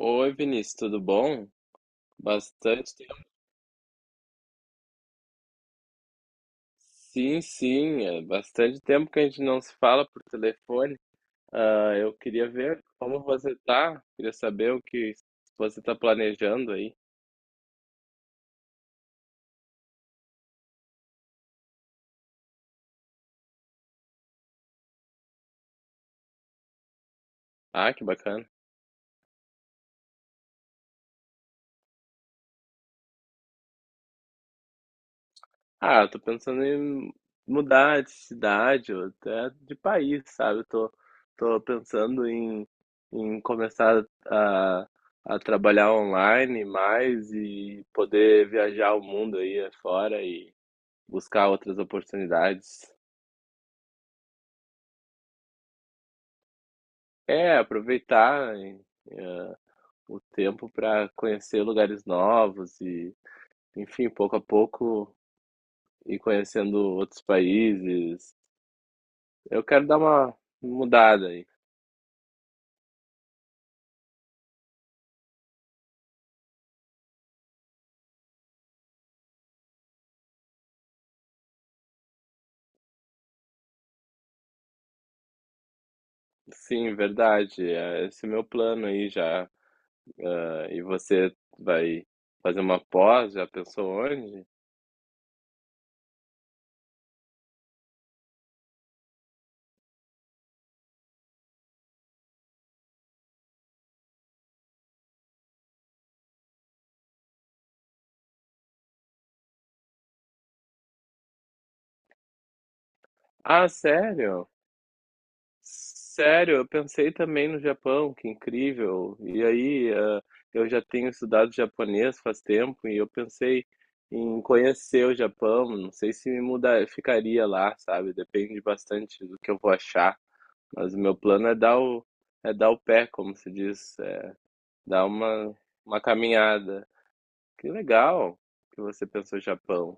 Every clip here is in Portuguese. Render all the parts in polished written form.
Oi, Vinícius, tudo bom? Bastante tempo. Sim, sim, é bastante tempo que a gente não se fala por telefone. Ah, eu queria ver como você tá, queria saber o que você tá planejando aí. Ah, que bacana. Ah, eu tô pensando em mudar de cidade ou até de país, sabe? Tô pensando em começar a trabalhar online mais e poder viajar o mundo aí afora e buscar outras oportunidades. É, aproveitar eh, o tempo para conhecer lugares novos e, enfim, pouco a pouco ir conhecendo outros países. Eu quero dar uma mudada aí. Sim, verdade. Esse é meu plano aí já. Ah, e você vai fazer uma pós? Já pensou onde? Ah, sério? Sério, eu pensei também no Japão, que incrível. E aí, eu já tenho estudado japonês faz tempo e eu pensei em conhecer o Japão. Não sei se me mudar, ficaria lá, sabe? Depende bastante do que eu vou achar. Mas o meu plano é é dar o pé, como se diz, dar uma, uma caminhada. Que legal que você pensou Japão.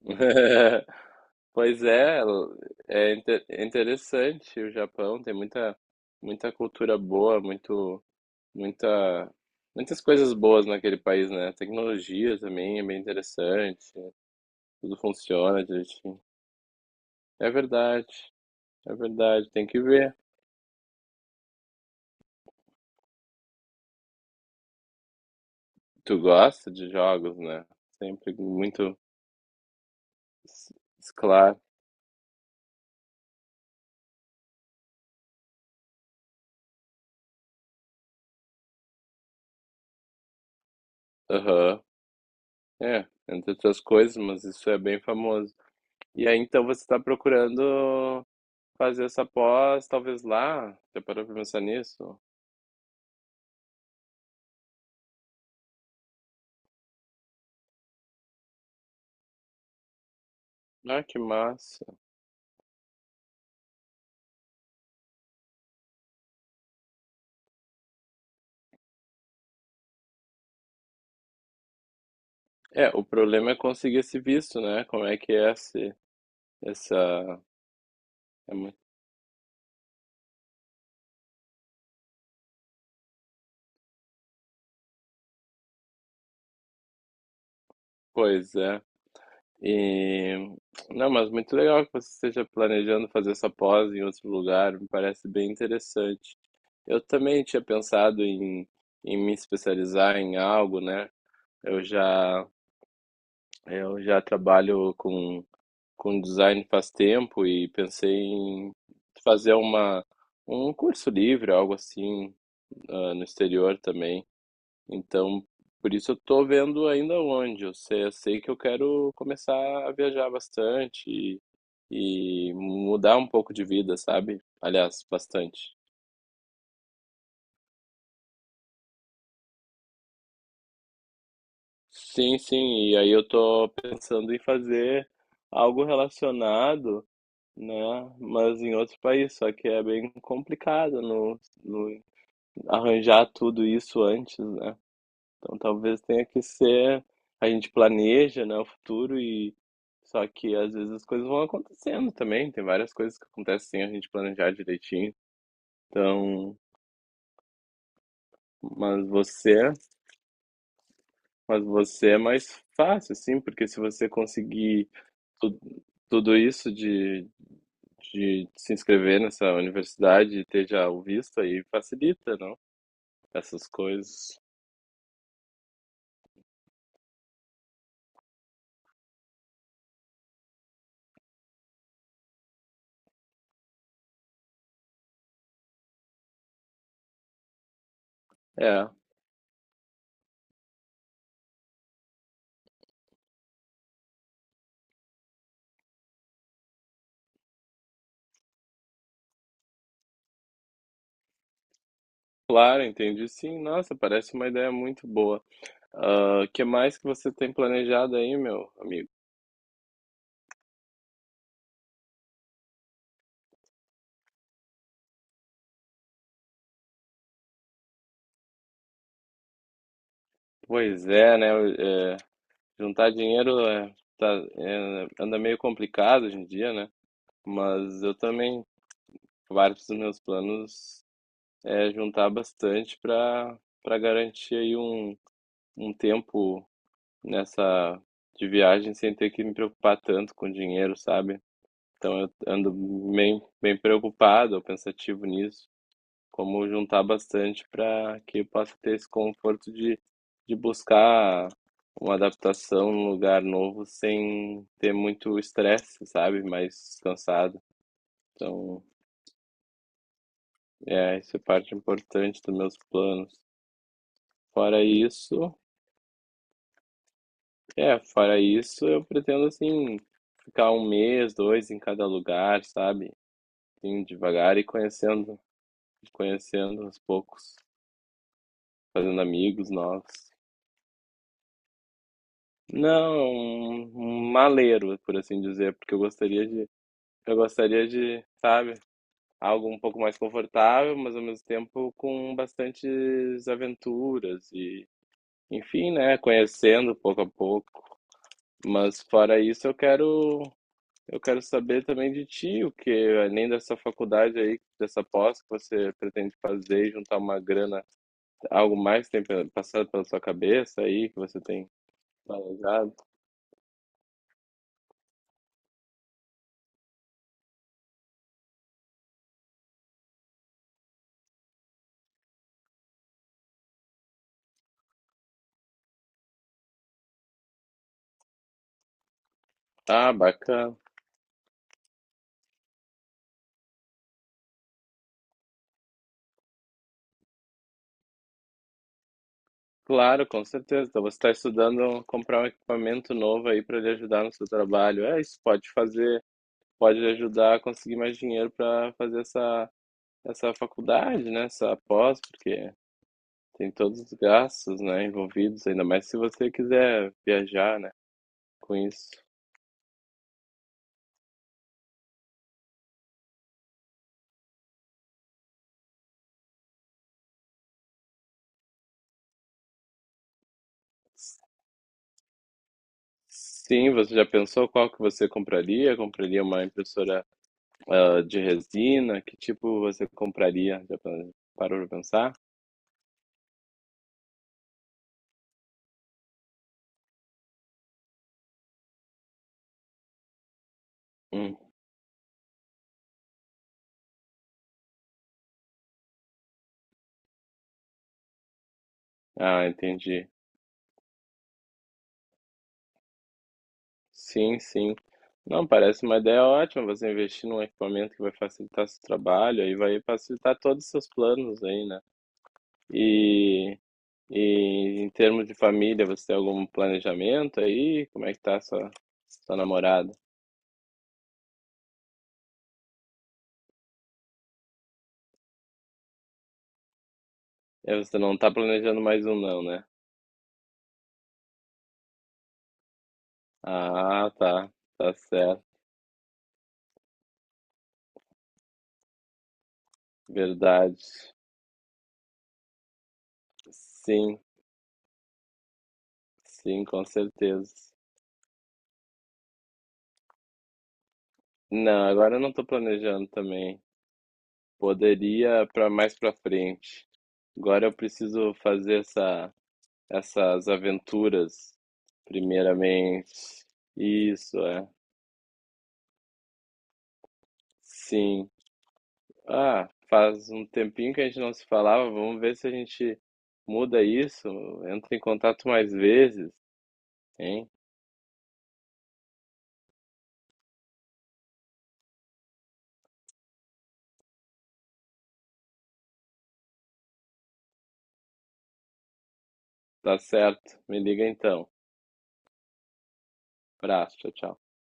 Pois é, é interessante o Japão, tem muita, muita cultura boa, muita, muitas coisas boas naquele país, né? Tecnologia também é bem interessante, tudo funciona direitinho. É verdade, é verdade, tem que ver. Tu gosta de jogos, né? Sempre muito s- claro. Aham, é, entre outras coisas, mas isso é bem famoso. E aí então você está procurando fazer essa pós, talvez lá. Já parou pra pensar nisso? Ah, que massa. É, o problema é conseguir esse visto, né? Como é que é essa. É muito. Pois é. E. Não, mas muito legal que você esteja planejando fazer essa pós em outro lugar, me parece bem interessante. Eu também tinha pensado em, me especializar em algo, né? Eu já, eu já trabalho com design faz tempo e pensei em fazer uma, um curso livre, algo assim, no exterior também. Então, por isso eu tô vendo ainda onde. Eu sei que eu quero começar a viajar bastante e mudar um pouco de vida, sabe? Aliás, bastante. Sim, sim, e aí eu tô pensando em fazer algo relacionado, né? Mas em outro país, só que é bem complicado no arranjar tudo isso antes, né? Então talvez tenha que ser, a gente planeja, né, o futuro e só que às vezes as coisas vão acontecendo também, tem várias coisas que acontecem sem a gente planejar direitinho. Então, mas você, mas você é mais fácil assim, porque se você conseguir tu- tudo isso de se inscrever nessa universidade e ter já o visto aí facilita, não? Essas coisas. É. Claro, entendi sim. Nossa, parece uma ideia muito boa. O que mais que você tem planejado aí, meu amigo? Pois é, né? é, juntar dinheiro anda meio complicado hoje em dia, né? Mas eu também, vários dos meus planos é juntar bastante para garantir aí um tempo nessa de viagem sem ter que me preocupar tanto com dinheiro, sabe? Então eu ando bem, bem preocupado, pensativo nisso. Como juntar bastante para que eu possa ter esse conforto de, buscar uma adaptação num lugar novo sem ter muito estresse, sabe? Mais cansado. Então, isso é parte importante dos meus planos. Fora isso, eu pretendo, assim, ficar um mês, dois em cada lugar, sabe? Assim, devagar e conhecendo aos poucos, fazendo amigos novos. Não, um maleiro, por assim dizer, porque eu gostaria de, sabe, algo um pouco mais confortável, mas ao mesmo tempo com bastantes aventuras e, enfim, né, conhecendo pouco a pouco. Mas fora isso, eu quero saber também de ti, o que além dessa faculdade aí, dessa pós que você pretende fazer, e juntar uma grana, algo mais tem passado pela sua cabeça aí que você tem planejado? Ah, bacana. Claro, com certeza. Então, você está estudando comprar um equipamento novo aí para lhe ajudar no seu trabalho. É, isso pode fazer, pode lhe ajudar a conseguir mais dinheiro para fazer essa faculdade, né? Essa pós, porque tem todos os gastos, né, envolvidos, ainda mais se você quiser viajar, né, com isso. Sim, você já pensou qual que você compraria? Compraria uma impressora, de resina? Que tipo você compraria? Já parou para pensar? Hum. Ah, entendi. Sim, sim. Não, parece uma ideia ótima você investir num equipamento que vai facilitar seu trabalho e vai facilitar todos os seus planos aí, né? E, e em termos de família, você tem algum planejamento aí? Como é que tá sua, sua namorada? É, você não tá planejando mais um não, né? Ah, tá. Tá certo. Verdade. Sim, sim, com certeza. Não, agora eu não tô planejando também. Poderia para mais para frente. Agora eu preciso fazer essas aventuras, primeiramente. Isso, é. Sim. Ah, faz um tempinho que a gente não se falava. Vamos ver se a gente muda isso. Entra em contato mais vezes, hein? Tá certo. Me liga então. Abraço, tchau, tchau.